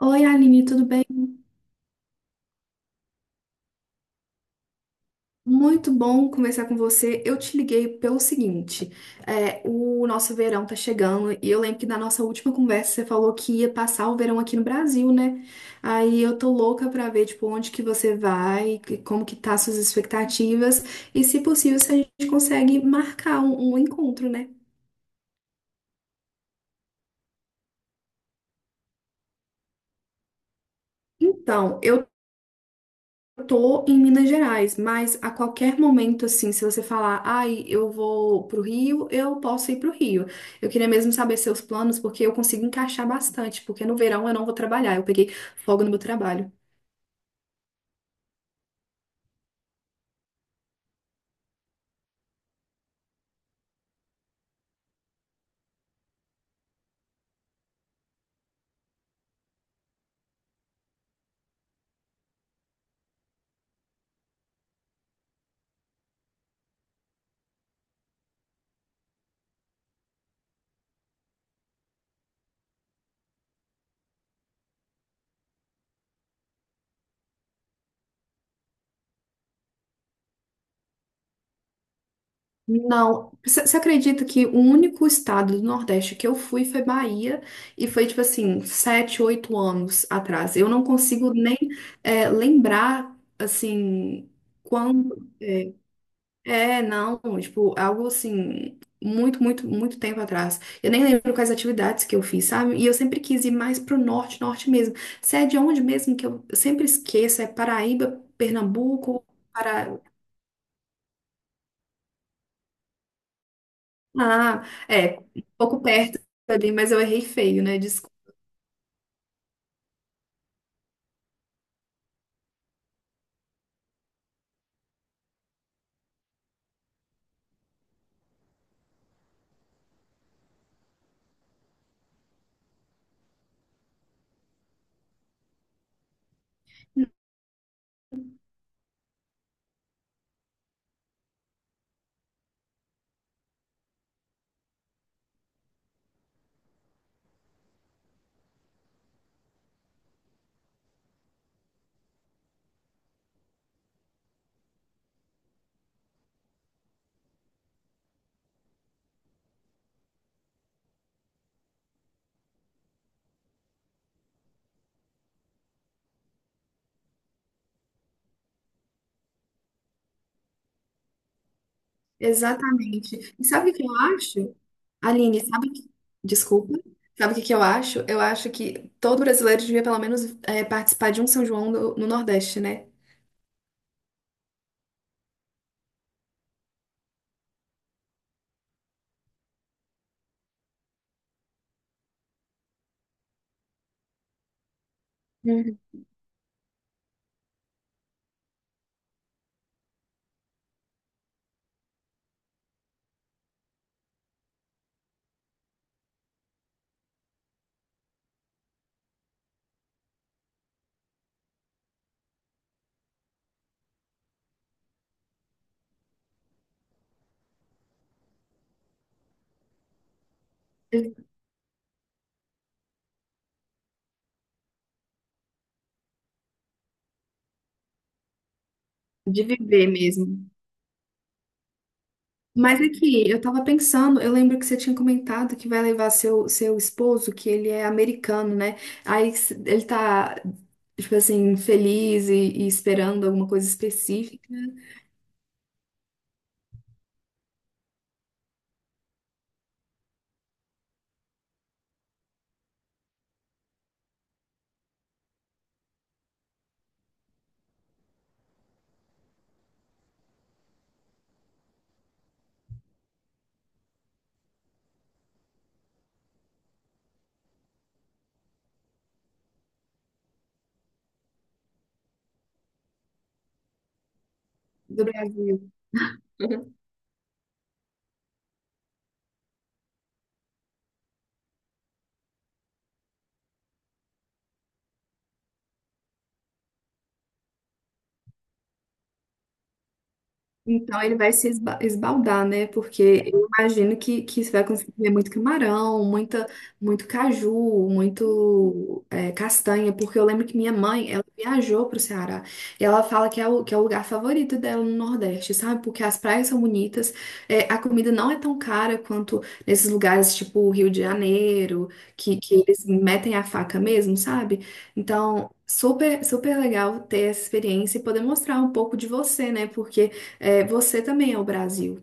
Oi, Aline, tudo bem? Muito bom conversar com você. Eu te liguei pelo seguinte: o nosso verão tá chegando e eu lembro que na nossa última conversa você falou que ia passar o verão aqui no Brasil, né? Aí eu tô louca pra ver, tipo, onde que você vai, como que tá suas expectativas e, se possível, se a gente consegue marcar um encontro, né? Então, eu tô em Minas Gerais, mas a qualquer momento, assim, se você falar, ai, eu vou pro Rio, eu posso ir pro Rio. Eu queria mesmo saber seus planos, porque eu consigo encaixar bastante, porque no verão eu não vou trabalhar, eu peguei folga no meu trabalho. Não, você acredita que o único estado do Nordeste que eu fui foi Bahia, e foi tipo assim, 7, 8 anos atrás. Eu não consigo nem lembrar, assim, quando. É, não, tipo, algo assim, muito, muito, muito tempo atrás. Eu nem lembro quais atividades que eu fiz, sabe? E eu sempre quis ir mais pro norte, norte mesmo. Se é de onde mesmo que eu sempre esqueço, é Paraíba, Pernambuco, para... Ah, é, um pouco perto ali, mas eu errei feio, né? Desculpa. Exatamente. E sabe o que eu acho? Aline, sabe que... Desculpa. Sabe o que que eu acho? Eu acho que todo brasileiro devia pelo menos participar de um São João no Nordeste, né? Uhum. De viver mesmo. Mas aqui, eu tava pensando, eu lembro que você tinha comentado que vai levar seu esposo, que ele é americano, né? Ele tá, tipo assim, feliz e esperando alguma coisa específica do Brasil. Então ele vai se esba- esbaldar, né? Porque eu imagino que você vai conseguir ver muito camarão, muito caju, muito castanha, porque eu lembro que minha mãe, ela viajou para o Ceará e ela fala que é que é o lugar favorito dela no Nordeste, sabe? Porque as praias são bonitas, é, a comida não é tão cara quanto nesses lugares tipo o Rio de Janeiro, que eles metem a faca mesmo, sabe? Então, super, super legal ter essa experiência e poder mostrar um pouco de você, né? Porque é, você também é o Brasil.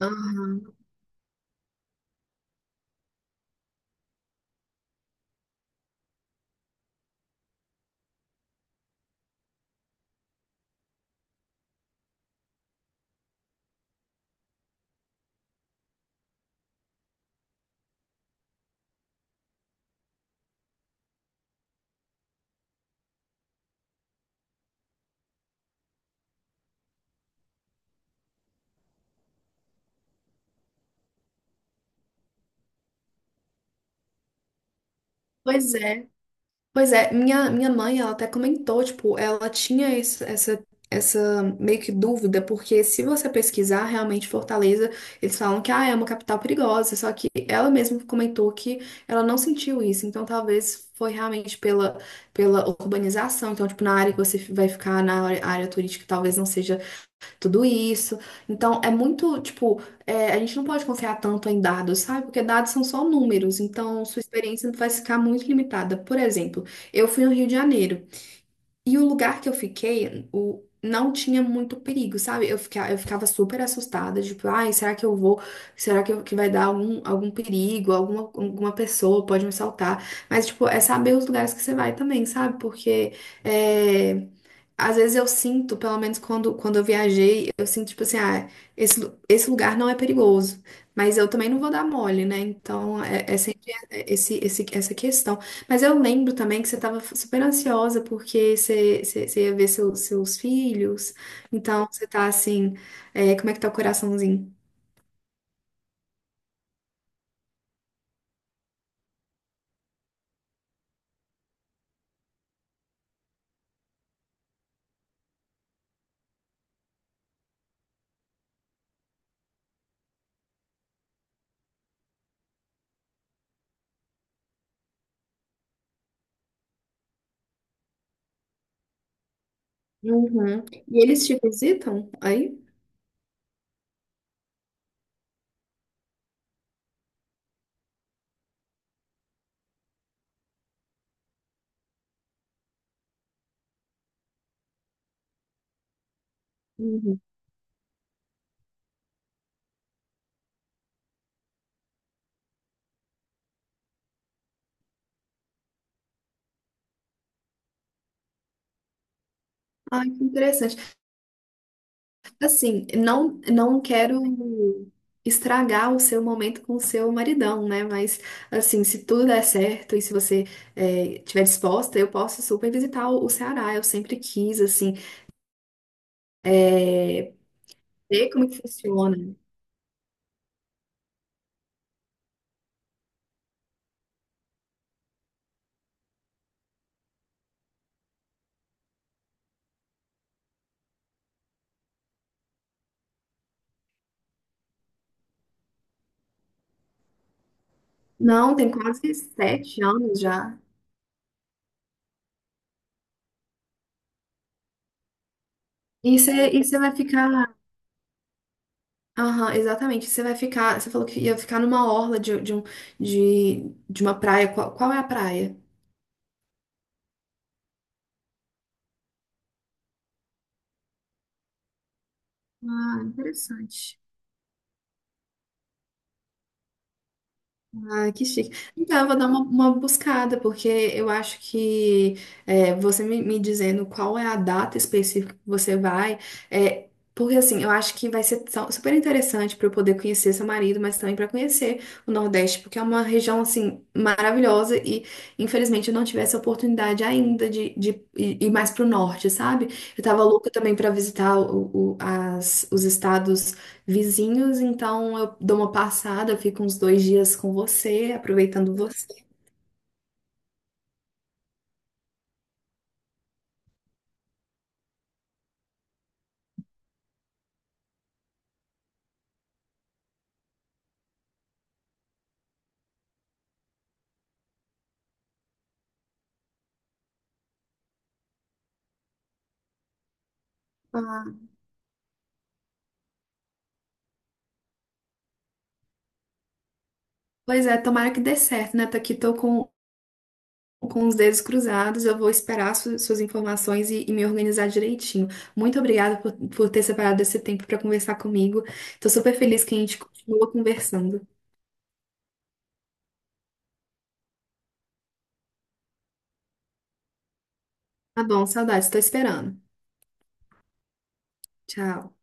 Aham. Pois é. Pois é, minha mãe, ela até comentou, tipo, ela tinha essa, essa meio que dúvida, porque se você pesquisar realmente Fortaleza, eles falam que, ah, é uma capital perigosa, só que ela mesma comentou que ela não sentiu isso, então talvez foi realmente pela, pela urbanização, então, tipo, na área que você vai ficar, na área turística, talvez não seja tudo isso. Então, é muito, tipo, é, a gente não pode confiar tanto em dados, sabe? Porque dados são só números, então sua experiência vai ficar muito limitada. Por exemplo, eu fui no Rio de Janeiro. E o lugar que eu fiquei, não tinha muito perigo, sabe? Eu ficava super assustada, tipo, ai, será que eu vou? Que vai dar algum, algum perigo? Alguma, alguma pessoa pode me assaltar? Mas, tipo, é saber os lugares que você vai também, sabe? Porque é, às vezes eu sinto, pelo menos quando eu viajei, eu sinto, tipo assim, ah, esse lugar não é perigoso. Mas eu também não vou dar mole, né? Então, é, é sempre essa questão. Mas eu lembro também que você estava super ansiosa porque você ia ver seus filhos. Então você tá assim, é, como é que tá o coraçãozinho? Uhum. E eles te visitam aí? Uhum. Ai, que interessante. Assim, não quero estragar o seu momento com o seu maridão, né? Mas, assim, se tudo der certo e se você tiver disposta, eu posso super visitar o Ceará. Eu sempre quis, assim, é, ver como que funciona. Não, tem quase 7 anos já. E você vai ficar. Aham, exatamente. Você vai ficar. Você falou que ia ficar numa orla de uma praia. Qual, qual é a praia? Ah, interessante. Ah, que chique. Então, eu vou dar uma buscada, porque eu acho que é, você me, me dizendo qual é a data específica que você vai, é, porque assim, eu acho que vai ser super interessante para eu poder conhecer seu marido, mas também para conhecer o Nordeste, porque é uma região assim maravilhosa e infelizmente eu não tive essa oportunidade ainda de ir mais para o norte, sabe? Eu tava louca também para visitar os estados vizinhos, então eu dou uma passada, eu fico uns 2 dias com você, aproveitando você. Ah, pois é, tomara que dê certo, né? Tô aqui, com os dedos cruzados, eu vou esperar suas informações e me organizar direitinho. Muito obrigada por ter separado esse tempo para conversar comigo. Tô super feliz que a gente continua conversando. Tá bom, saudades, tô esperando. Tchau.